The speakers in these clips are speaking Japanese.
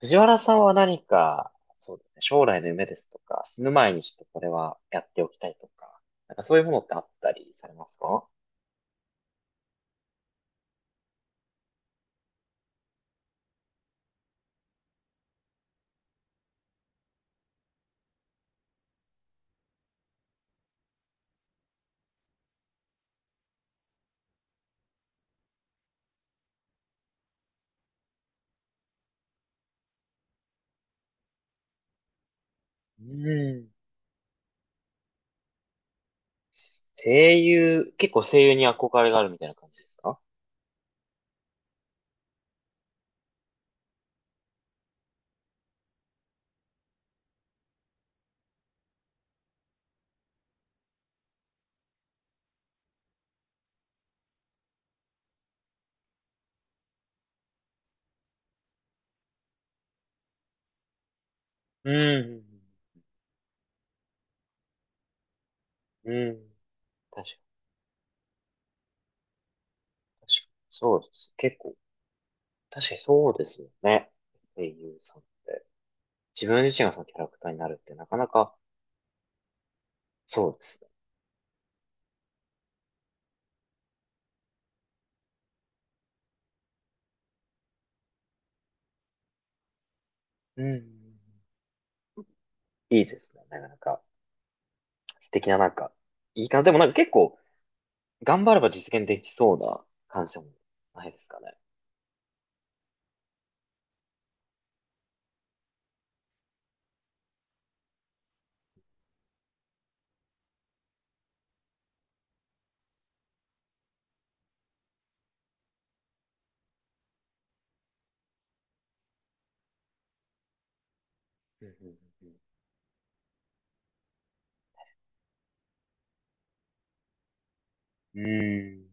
藤原さんは何か、そうですね、将来の夢ですとか、死ぬ前にちょっとこれはやっておきたいとか、そういうものってあったりされますか？うん。声優、結構声優に憧れがあるみたいな感じですか？うん。うん、確かに。そうです。結構、確かにそうですよね。声優さんって。自分自身がそのキャラクターになるってなかなか、そうですね。うん、いいですね。なかなか、素敵ないいかな。でも結構、頑張れば実現できそうな感謝もないですかね。うんうんうんうんうーん。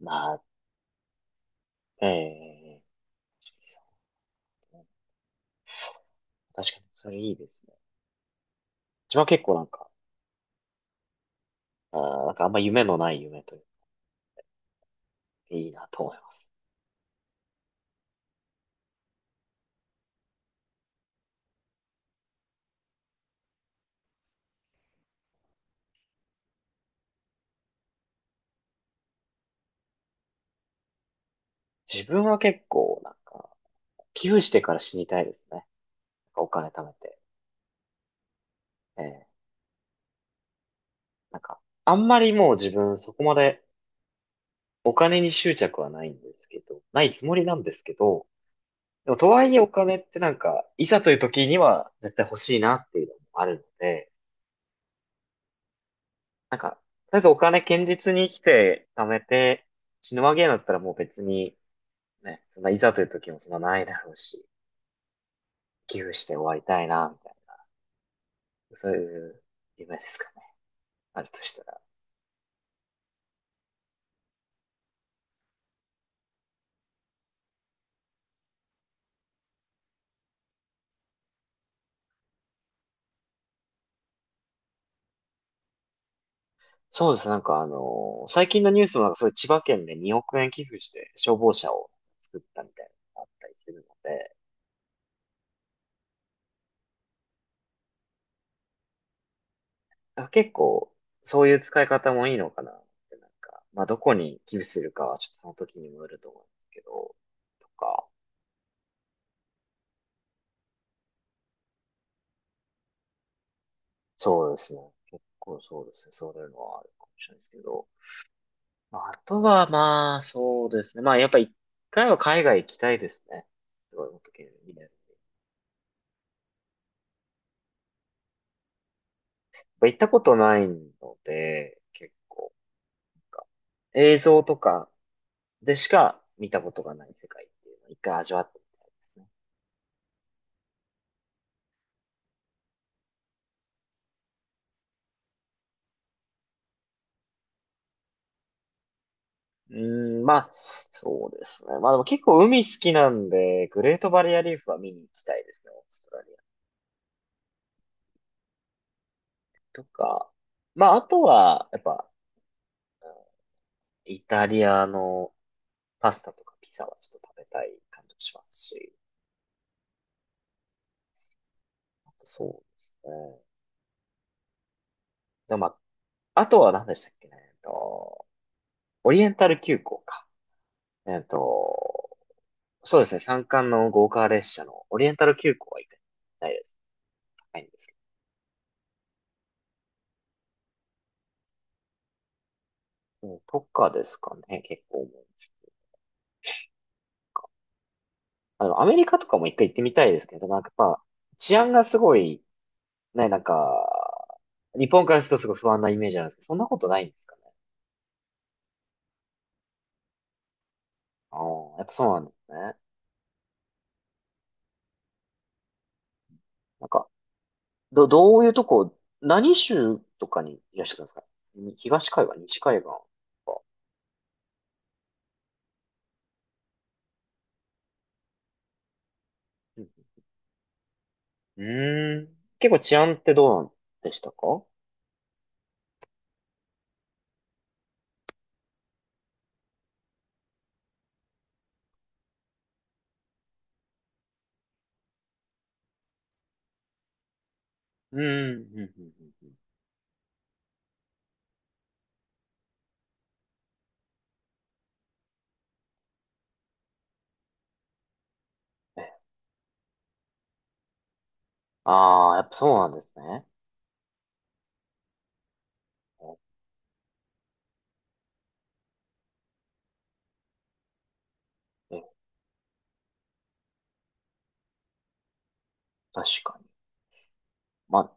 まあ、ええ、そうね、確かにそれいいですね。自分は結構あー、あんま夢のない夢というか、いいなと思います。自分は結構寄付してから死にたいですね。お金貯めて。ええ、なんか、あんまりもう自分そこまでお金に執着はないんですけど、ないつもりなんですけど、でもとはいえお金っていざという時には絶対欲しいなっていうのもあるので、とりあえずお金堅実に生きて貯めて、死ぬわけだったらもう別に、ね、そんないざという時もそんなないだろうし、寄付して終わりたいな、みたいな。そういう夢ですかね。あるとしたら。そうです。最近のニュースもそういう千葉県で2億円寄付して消防車を作ったみたいなのがあったりするので、あ、結構、そういう使い方もいいのかなって、まあ、どこに寄付するかはちょっとその時にもよると思うんですけど、とか、そうですね。結構そうですね。そういうのはあるかもしれないですけど。まああとは、まあ、そうですね。まあ、やっぱ一回は海外行きたいですね。すごい、本当にいいね。やっぱ行ったことないので、結構、なんか、映像とかでしか見たことがない世界っていうのを一回味わってみたいですね。うーん、まあ、そうですね。まあでも結構海好きなんで、グレートバリアリーフは見に行きたいですね、オーストラリアとか。まあ、あとは、やっぱ、うん、イタリアのパスタとかピザはちょっと食べたい感じもしますし、あとそうですね。でもまあ、あとは何でしたっけね、オリエンタル急行か。えっと、そうですね、山間の豪華列車のオリエンタル急行は行きたいです。高いんですけど、うんとかですかね、結構思うんです。あの、アメリカとかも一回行ってみたいですけど、やっぱ、治安がすごい、ね、日本からするとすごい不安なイメージなんですけど、そんなことないんですかね。ああ、やっぱそうなんですね。なんか、どういうとこ、何州とかにいらっしゃったんですか？に東海岸、西海岸とか。うんうんうーん。結構治安ってどうなんでしたか？うん、うん、うん、うん。うん、え、ああ、やっぱそうなんですね。え、確かに。まあ、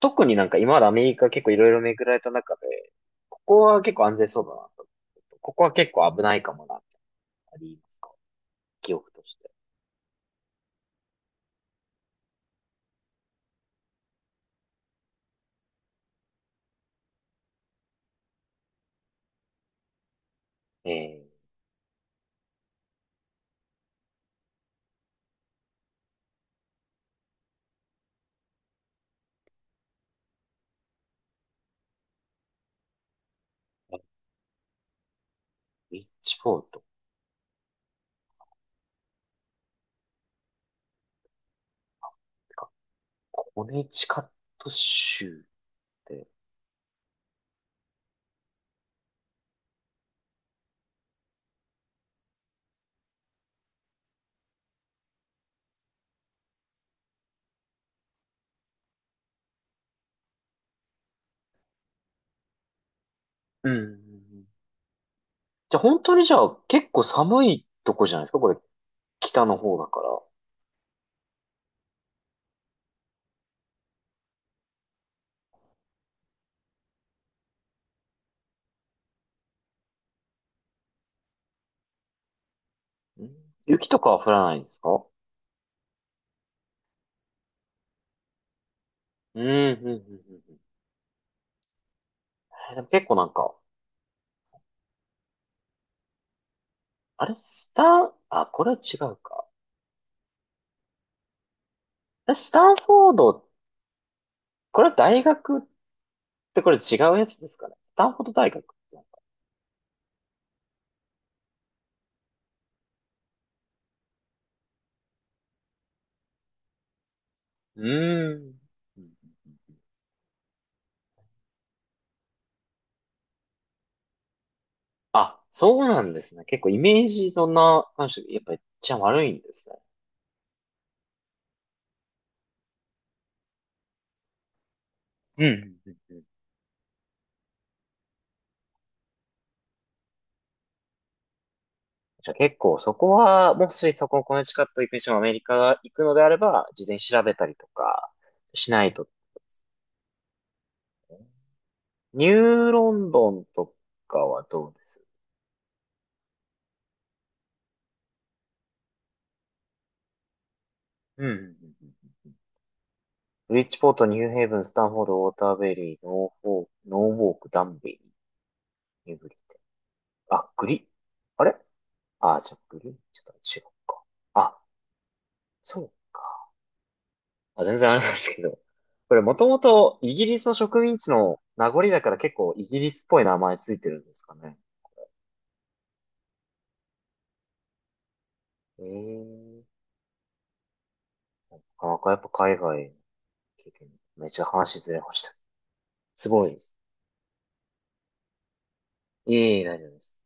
特に今までアメリカ結構いろいろ巡られた中で、ここは結構安全そうだなと。ここは結構危ないかもな、ってありますか、記憶として。えー、リッチフォードってか、コネチカット州って。うん。じゃあ本当にじゃあ結構寒いとこじゃないですかこれ、北の方だから。うん、雪とかは降らないんですか？うん、うん、うん、うん。うん、え、でも結構あれ、スタン、あ、これは違うか。あれ、スタンフォード、これは大学ってこれ違うやつですかね。スタンフォード大学ってなんか。うーん。あ、そうなんですね。結構イメージそんな感じで、やっぱめっちゃ悪いんですね。うんうんうんうん。じゃあ結構そこは、もしそこのコネチカット行くにしてもアメリカが行くのであれば、事前に調べたりとかしないと。ニューロンドンとかはどうです？うんうんうんうんうん。ブリッジポート、ニューヘイブン、スタンフォード、ウォーターベリー、ノーフォー、ノーウォーク、ダンベリー、ニューブリあ、グリ、あれあ、じゃあグリちょっと違うか。あ、そうか。あ、全然あれなんですけど。これもともとイギリスの植民地の名残だから結構イギリスっぽい名前ついてるんですかね。ええ、なかなかやっぱ海外の経験、めっちゃ話ずれました。すごいです。いえいえ、大丈夫です。